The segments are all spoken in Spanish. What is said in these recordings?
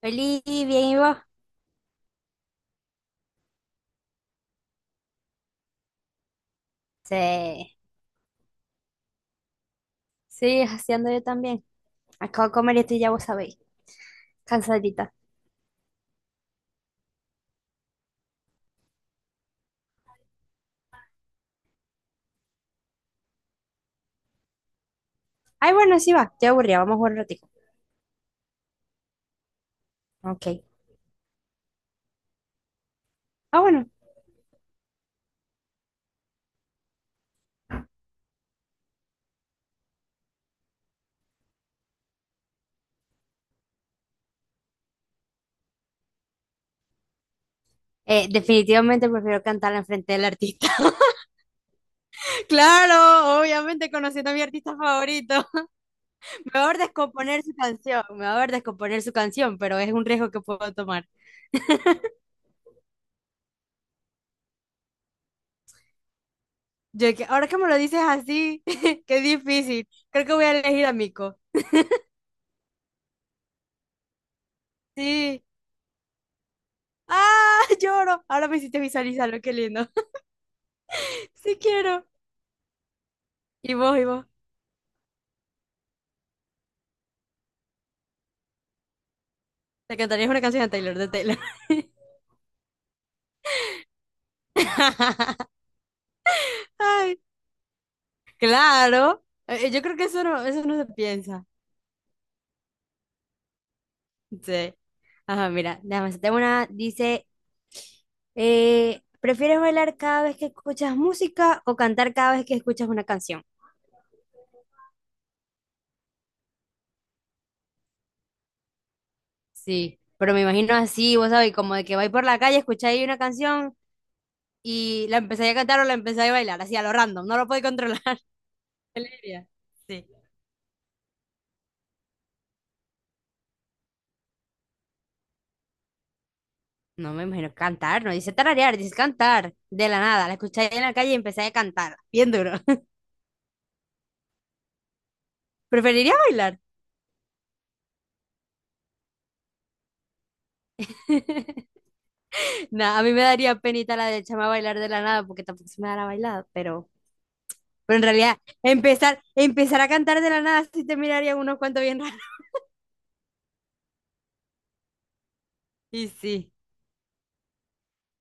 Feliz, bien, ¿y vos? Sí. Sí, así ando yo también. Acabo de comer y estoy ya vos sabéis. Cansadita. Ay, bueno, sí va. Estoy aburrida, vamos a jugar un ratico. Ok. Ah, bueno. Definitivamente prefiero cantarla enfrente del artista. Claro, obviamente conociendo a mi artista favorito. Mejor descomponer su canción, mejor descomponer su canción, pero es un riesgo que puedo tomar. Yo que ahora que me lo dices así, qué difícil. Creo que voy a elegir a Mico. Sí. Ah, lloro. Ahora me hiciste visualizarlo, qué lindo. Sí quiero. Y vos, y vos. Te cantarías una canción de Taylor, de Taylor. Ay, claro. Yo creo que eso no se piensa. Sí. Ajá, mira, déjame hacerte una. Dice, ¿prefieres bailar cada vez que escuchas música o cantar cada vez que escuchas una canción? Sí, pero me imagino así, vos sabés, como de que vais por la calle, escucháis una canción y la empezáis a cantar o la empezáis a bailar, así a lo random, no lo podéis controlar. Qué alegría. Sí. No me imagino cantar, no dice tararear, dice cantar. De la nada, la escuché en la calle y empecé a cantar, bien duro. ¿Preferiría bailar? No, a mí me daría penita la de echarme a bailar de la nada porque tampoco se me da la bailada, pero en realidad empezar a cantar de la nada sí te mirarían unos cuantos bien raros. Y sí,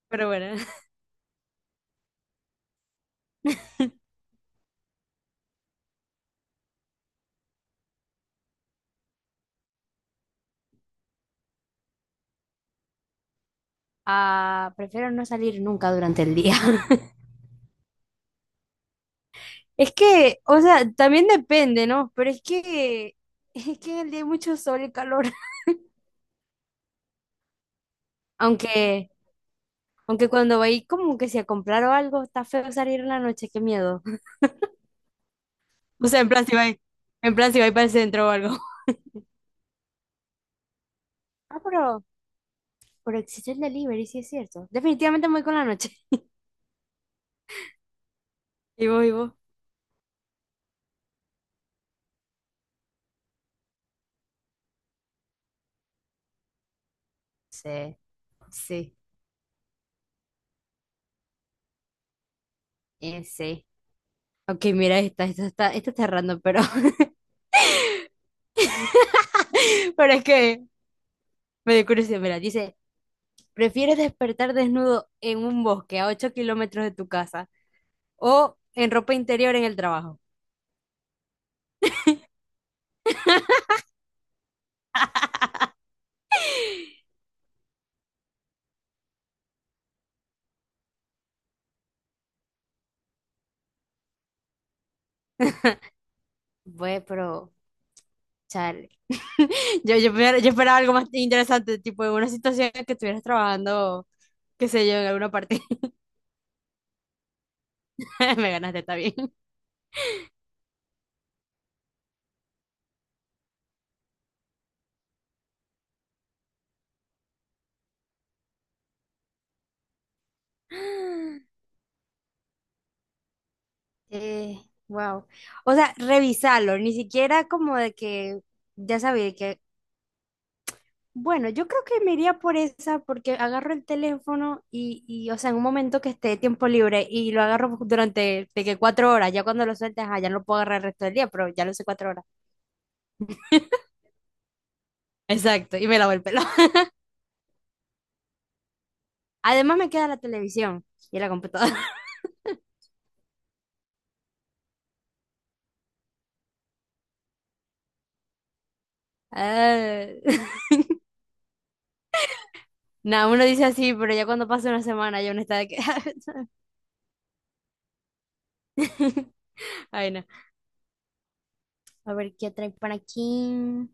pero bueno. Ah, prefiero no salir nunca durante el día. Es que, o sea, también depende, ¿no? Pero es que en el día hay mucho sol y calor. Aunque… Aunque cuando va ahí como que si a comprar o algo, está feo salir en la noche, qué miedo. O sea, en plan si va ahí para el centro o algo. Ah, pero existe el delivery, sí es cierto. Definitivamente me voy con la noche. Y vos, y vos. Sí, sí, sí. Ok, mira esta, esta está random, pero, pero es que me dio curiosidad. Mira, dice, ¿prefieres despertar desnudo en un bosque a 8 kilómetros de tu casa o en ropa interior en el trabajo? Bueno, pero, yo esperaba algo más interesante, tipo en una situación en que estuvieras trabajando, qué sé yo, en alguna parte. Me ganaste, está bien. Eh, wow. O sea, revisarlo, ni siquiera como de que ya sabía que, bueno, yo creo que me iría por esa porque agarro el teléfono o sea, en un momento que esté tiempo libre y lo agarro durante de que 4 horas, ya cuando lo sueltas, ah, ya no lo puedo agarrar el resto del día, pero ya lo sé 4 horas. Exacto, y me lavo el pelo. Además me queda la televisión y la computadora. Ah, nada, uno dice así, pero ya cuando pasa una semana ya uno está de que… Ay, no. A ver, ¿qué trae por aquí?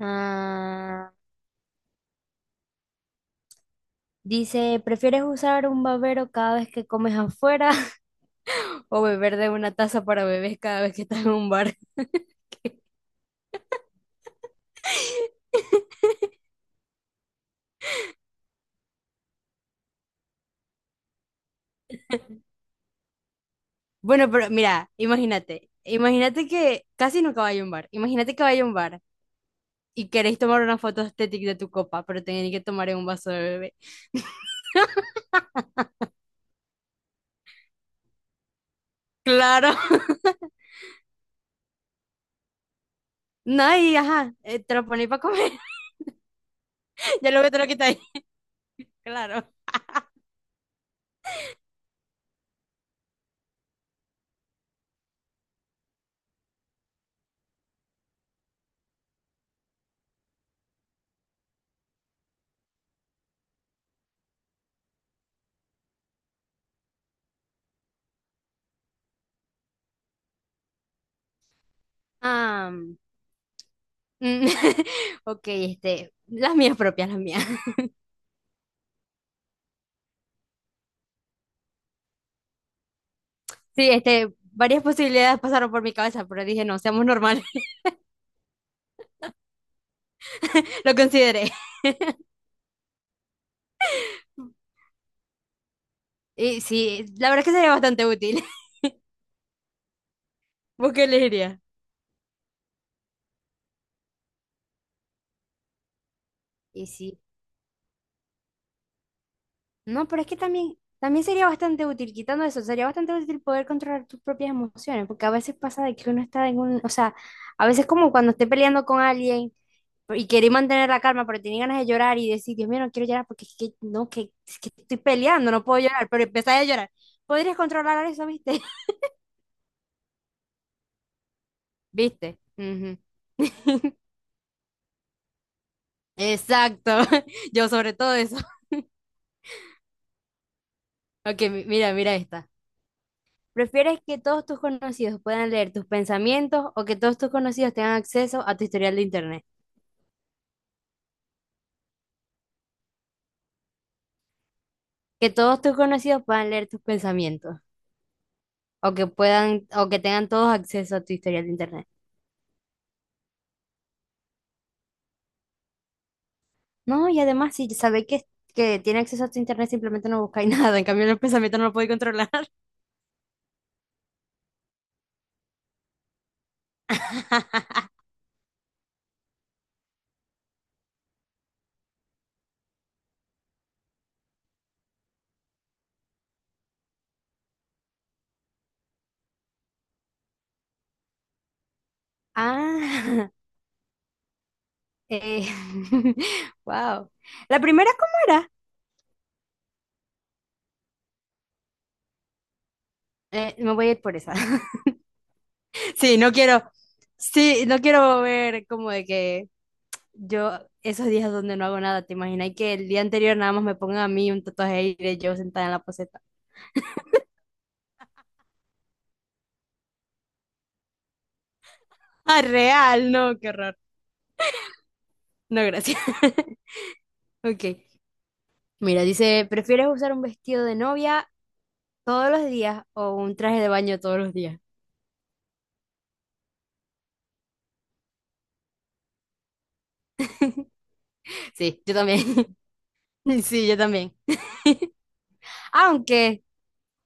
Ah, dice, ¿prefieres usar un babero cada vez que comes afuera o beber de una taza para bebés cada vez que estás en un bar? Bueno, pero mira, imagínate, imagínate que casi nunca vaya a un bar, imagínate que vaya a un bar y queréis tomar una foto estética de tu copa, pero tenéis que tomar en un vaso de bebé. Claro. No, y ajá, te lo ponéis para comer. Ya luego te lo quitáis. Claro. Ah, mm, ok, este, las mías propias, las mías. Sí, este, varias posibilidades pasaron por mi cabeza, pero dije, no, seamos normales. Lo consideré. Y sí, la verdad es que sería bastante útil. ¿Vos qué elegirías? Y sí. No, pero es que también, también sería bastante útil, quitando eso, sería bastante útil poder controlar tus propias emociones, porque a veces pasa de que uno está en un, o sea, a veces como cuando esté peleando con alguien y quería mantener la calma, pero tenía ganas de llorar y decir, Dios mío, no quiero llorar porque es que, no, que, es que estoy peleando, no puedo llorar, pero empecé a llorar. ¿Podrías controlar eso, viste? ¿Viste? Ujú. Exacto, yo sobre todo eso. Ok, mira, mira esta. ¿Prefieres que todos tus conocidos puedan leer tus pensamientos o que todos tus conocidos tengan acceso a tu historial de internet? Que todos tus conocidos puedan leer tus pensamientos o que tengan todos acceso a tu historial de internet. No, y además, si sabéis que tiene acceso a tu internet, simplemente no buscáis nada. En cambio, el pensamiento no lo podéis controlar. Ah, eh, wow. ¿La primera cómo era? Me voy a ir por esa. Sí, no quiero, sí, no quiero ver como de que yo esos días donde no hago nada, ¿te imaginas y que el día anterior nada más me pongan a mí un tatuaje ahí de yo sentada en la poseta? Ah, real, no, qué horror. No, gracias. Ok. Mira, dice, ¿prefieres usar un vestido de novia todos los días o un traje de baño todos los días? Sí, yo también. Sí, yo también. Aunque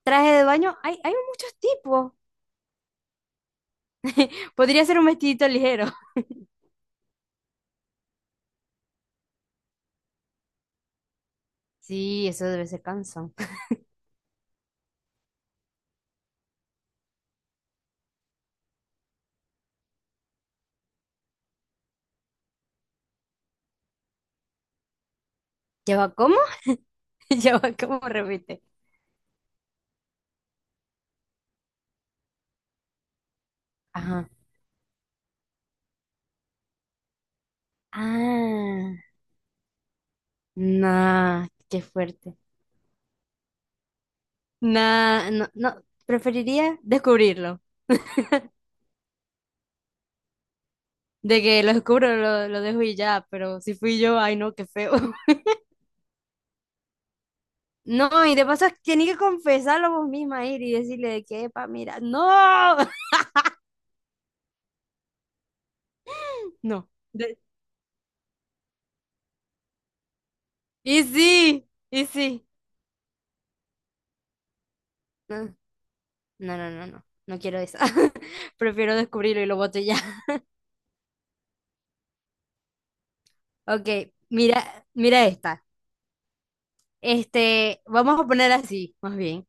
traje de baño hay, hay muchos tipos. Podría ser un vestidito ligero. Sí, eso debe ser cansón. ¿Lleva cómo? ¿Lleva cómo? Repite. Ajá. Ah, nah, qué fuerte. Nah, no, no, preferiría descubrirlo. De que lo descubro, lo dejo y ya, pero si fui yo, ay no, qué feo. No, y de paso tiene que confesarlo vos misma, ir y decirle de que, epa, mira, no, no. De- Y sí, y sí. No, no, no, no, no, no quiero eso. Prefiero descubrirlo y lo boto ya. Ok, mira, mira esta. Este, vamos a poner así, más bien.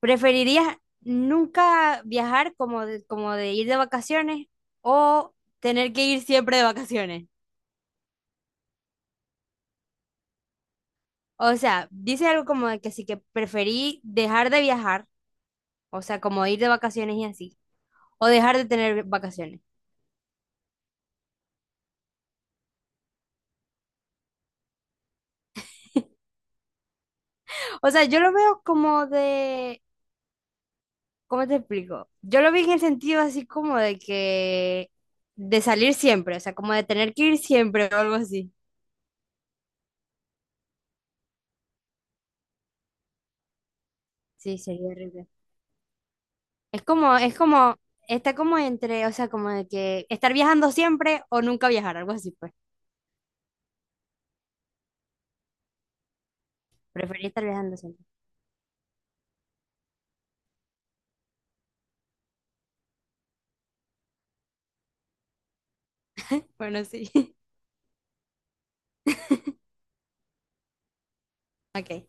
¿Preferirías nunca viajar como de ir de vacaciones o tener que ir siempre de vacaciones? O sea, dice algo como de que sí que preferí dejar de viajar. O sea, como ir de vacaciones y así. O dejar de tener vacaciones. O sea, yo lo veo como de… ¿Cómo te explico? Yo lo vi en el sentido así como de que… De salir siempre, o sea, como de tener que ir siempre o algo así. Sí, sería horrible. Es como, está como entre, o sea, como de que estar viajando siempre o nunca viajar, algo así, pues. Preferí estar viajando siempre. Bueno, sí. Ok.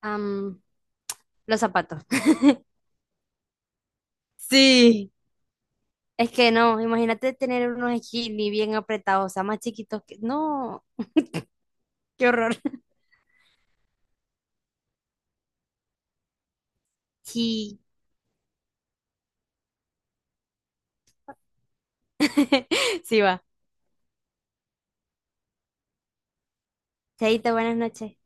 Am, los zapatos. Sí. Es que no, imagínate tener unos skinny bien apretados, o sea, más chiquitos que… No, qué horror. Sí, sí va. Chaito, buenas noches.